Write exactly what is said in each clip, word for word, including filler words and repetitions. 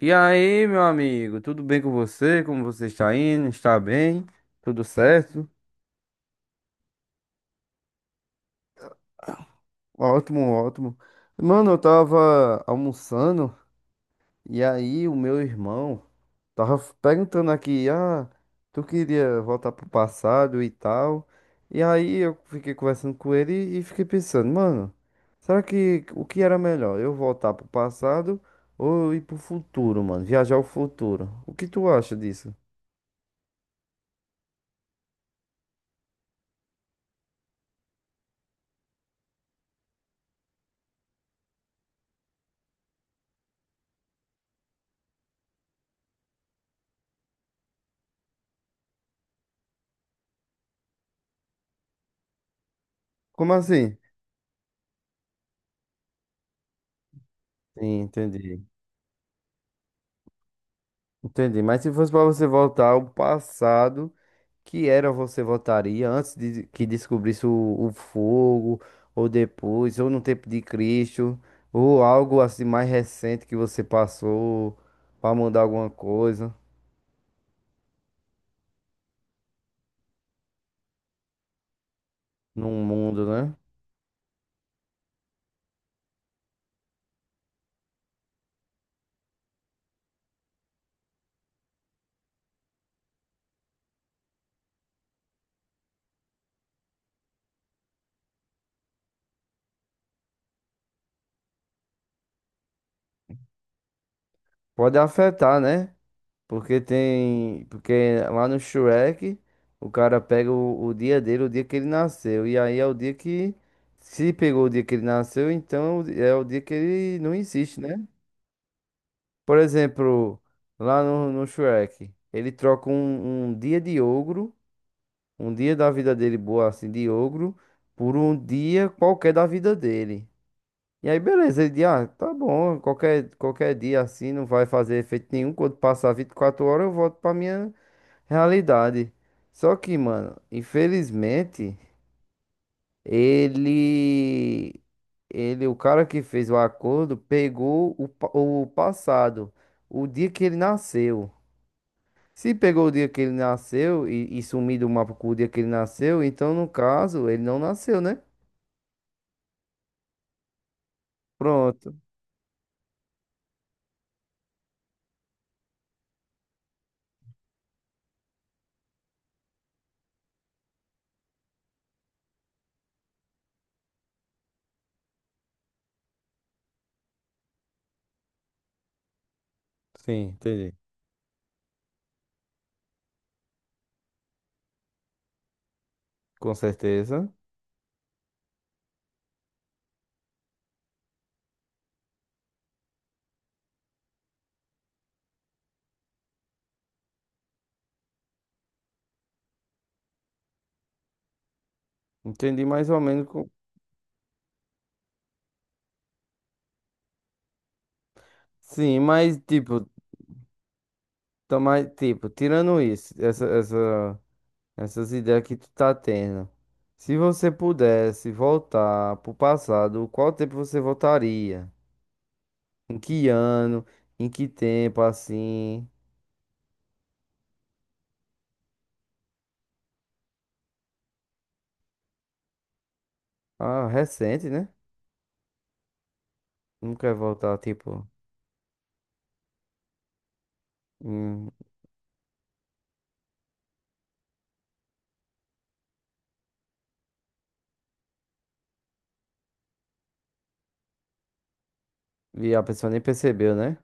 E aí, meu amigo, tudo bem com você? Como você está indo? Está bem? Tudo certo? Ótimo, ótimo. Mano, eu tava almoçando e aí o meu irmão tava perguntando aqui, ah, tu queria voltar pro passado e tal. E aí eu fiquei conversando com ele e fiquei pensando, mano, será que o que era melhor? Eu voltar pro passado ou ir pro futuro, mano? Viajar ao futuro. O que tu acha disso? Como assim? Sim, entendi. Entendi. Mas se fosse para você voltar ao passado, que era você votaria antes de que descobrisse o, o fogo, ou depois, ou no tempo de Cristo, ou algo assim mais recente que você passou para mudar alguma coisa no mundo, né? Pode afetar, né? Porque tem, porque lá no Shrek, o cara pega o, o dia dele, o dia que ele nasceu, e aí é o dia que se pegou o dia que ele nasceu, então é o dia que ele não existe, né? Por exemplo, lá no, no Shrek, ele troca um, um dia de ogro, um dia da vida dele boa assim de ogro, por um dia qualquer da vida dele. E aí, beleza, ele diz, ah, tá bom, qualquer, qualquer dia assim não vai fazer efeito nenhum. Quando passar vinte e quatro horas, eu volto pra minha realidade. Só que, mano, infelizmente, ele, ele, o cara que fez o acordo, pegou o, pa- o passado, o dia que ele nasceu. Se pegou o dia que ele nasceu e, e sumir do mapa com o dia que ele nasceu, então no caso ele não nasceu, né? Pronto. Sim, entendi. Com certeza. Entendi mais ou menos. com- Sim, mas tipo, tá mais, tipo, tirando isso, essa, essa, essas ideias que tu tá tendo. Se você pudesse voltar pro passado, qual tempo você voltaria? Em que ano? Em que tempo assim? Ah, recente, né? Não quer voltar, tipo. E a pessoa nem percebeu, né?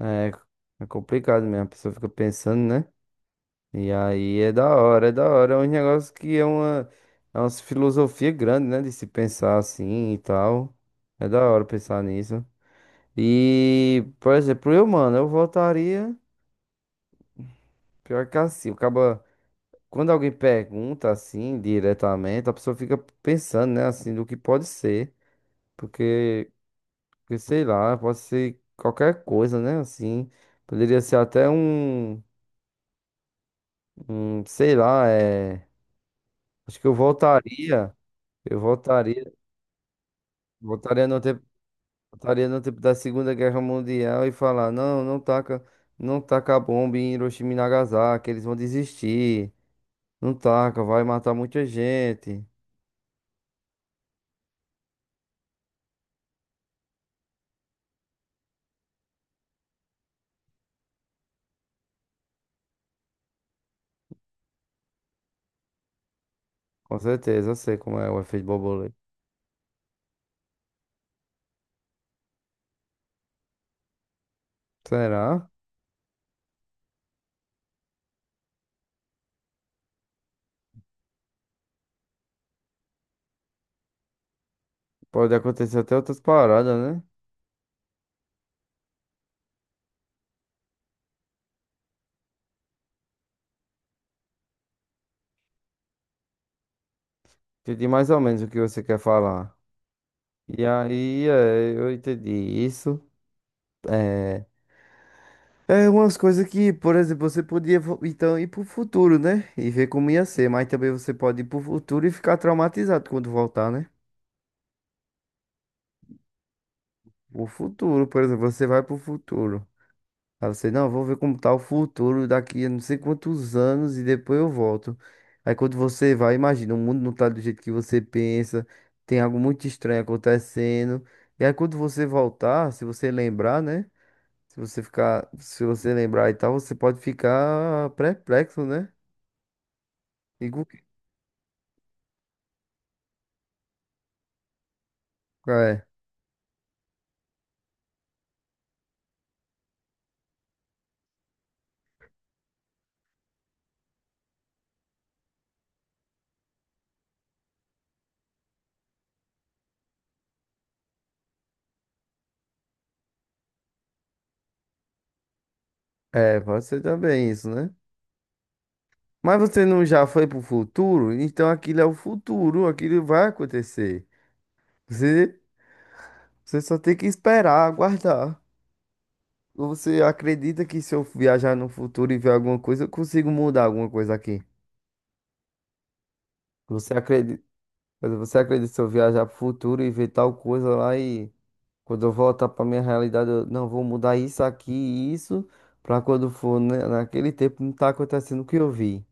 É, é complicado mesmo, a pessoa fica pensando, né? E aí é da hora, é da hora. É um negócio que é uma, é uma filosofia grande, né? De se pensar assim e tal. É da hora pensar nisso. E, por exemplo, eu, mano, eu voltaria. Pior que assim, acaba. Quando alguém pergunta assim, diretamente, a pessoa fica pensando, né? Assim, do que pode ser. Porque. Porque sei lá, pode ser qualquer coisa, né? Assim, poderia ser até um, um, sei lá, é. Acho que eu voltaria, eu voltaria, voltaria no tempo, voltaria no tempo da Segunda Guerra Mundial e falar, não, não taca, não taca a bomba em Hiroshima e Nagasaki, eles vão desistir. Não taca, vai matar muita gente. Com certeza, eu sei como é o efeito borboleta. Será? Pode acontecer até outras paradas, né? Entendi mais ou menos o que você quer falar. E aí, é, eu entendi isso. É, é umas coisas que, por exemplo, você podia vo- então ir pro futuro, né? E ver como ia ser, mas também você pode ir pro futuro e ficar traumatizado quando voltar, né? O futuro, por exemplo, você vai pro futuro. Aí você, não, vou ver como tá o futuro daqui a não sei quantos anos e depois eu volto. Aí quando você vai, imagina, o mundo não tá do jeito que você pensa, tem algo muito estranho acontecendo. E aí quando você voltar, se você lembrar, né? Se você ficar, se você lembrar e tal, você pode ficar perplexo, né? E com que- é, é, pode ser também isso, né? Mas você não já foi pro futuro? Então aquilo é o futuro, aquilo vai acontecer. Você, você só tem que esperar, aguardar. Ou você acredita que se eu viajar no futuro e ver alguma coisa, eu consigo mudar alguma coisa aqui? Você acredita, você acredita se eu viajar pro futuro e ver tal coisa lá e quando eu voltar para minha realidade, eu não vou mudar isso aqui e isso para quando for na- naquele tempo não tá acontecendo o que eu vi.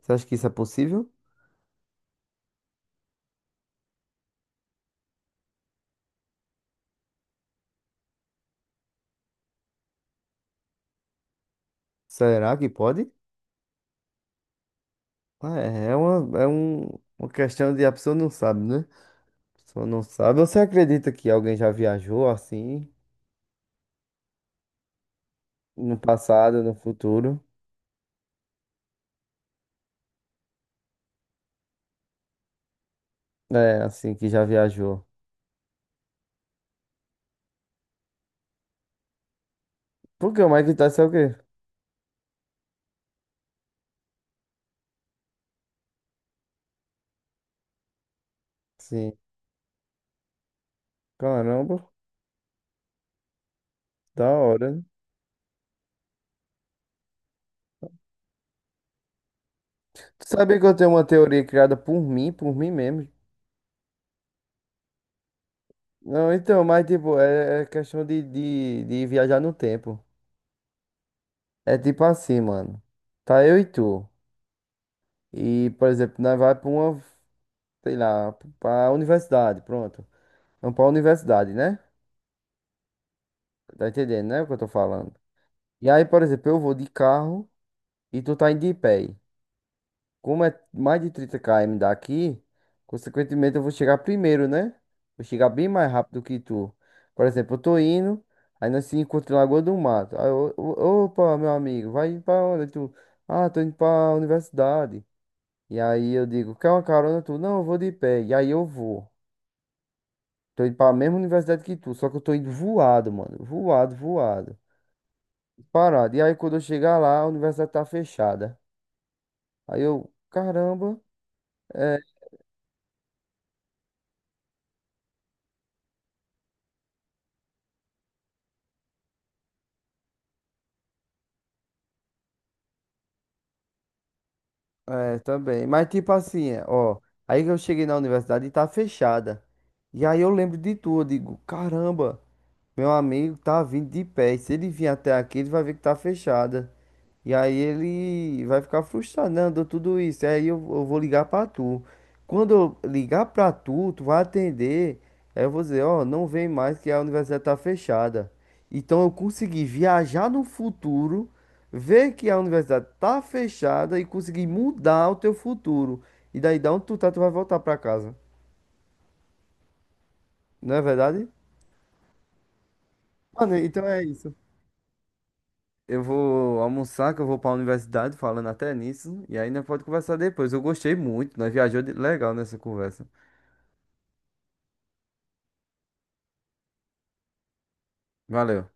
Você acha que isso é possível? Será que pode? Ah, É é uma, é um, uma questão de a pessoa não sabe, né? A pessoa não sabe. Você acredita que alguém já viajou assim, no passado, no futuro? É, assim, que já viajou. Por que o Mike tá é o quê? Sim. Caramba, da hora, né? Tu sabia que eu tenho uma teoria criada por mim, por mim mesmo? Não, então, mas tipo, é, é questão de, de, de viajar no tempo. É tipo assim, mano. Tá eu e tu. E, por exemplo, nós vai pra uma, sei lá, pra universidade, pronto. Vamos pra universidade, né? Tá entendendo, né, o que eu tô falando? E aí, por exemplo, eu vou de carro e tu tá indo de pé. Como é mais de trinta quilômetros daqui, consequentemente eu vou chegar primeiro, né? Vou chegar bem mais rápido que tu. Por exemplo, eu tô indo, aí nós se encontra em Lagoa do Mato. Aí eu, o- opa, meu amigo, vai pra onde tu? Ah, tô indo pra universidade. E aí eu digo, quer uma carona tu? Não, eu vou de pé. E aí eu vou. Tô indo pra mesma universidade que tu, só que eu tô indo voado, mano. Voado, voado. Parado. E aí quando eu chegar lá, a universidade tá fechada. Aí eu, caramba. é, É, também. Mas tipo assim, é, ó. Aí que eu cheguei na universidade e tá fechada. E aí eu lembro de tudo, eu digo, caramba. Meu amigo tá vindo de pé. E se ele vir até aqui, ele vai ver que tá fechada. E aí ele vai ficar frustrado, não, deu tudo isso. Aí eu, eu vou ligar pra tu. Quando eu ligar pra tu, tu vai atender. Aí eu vou dizer, ó, não vem mais que a universidade tá fechada. Então eu consegui viajar no futuro, ver que a universidade tá fechada e conseguir mudar o teu futuro. E daí, da onde tu tá, tu vai voltar pra casa. Não é verdade? Mano, então é isso. Eu vou almoçar, que eu vou pra universidade, falando até nisso. E aí nós pode conversar depois. Eu gostei muito, nós viajou de- legal nessa conversa. Valeu.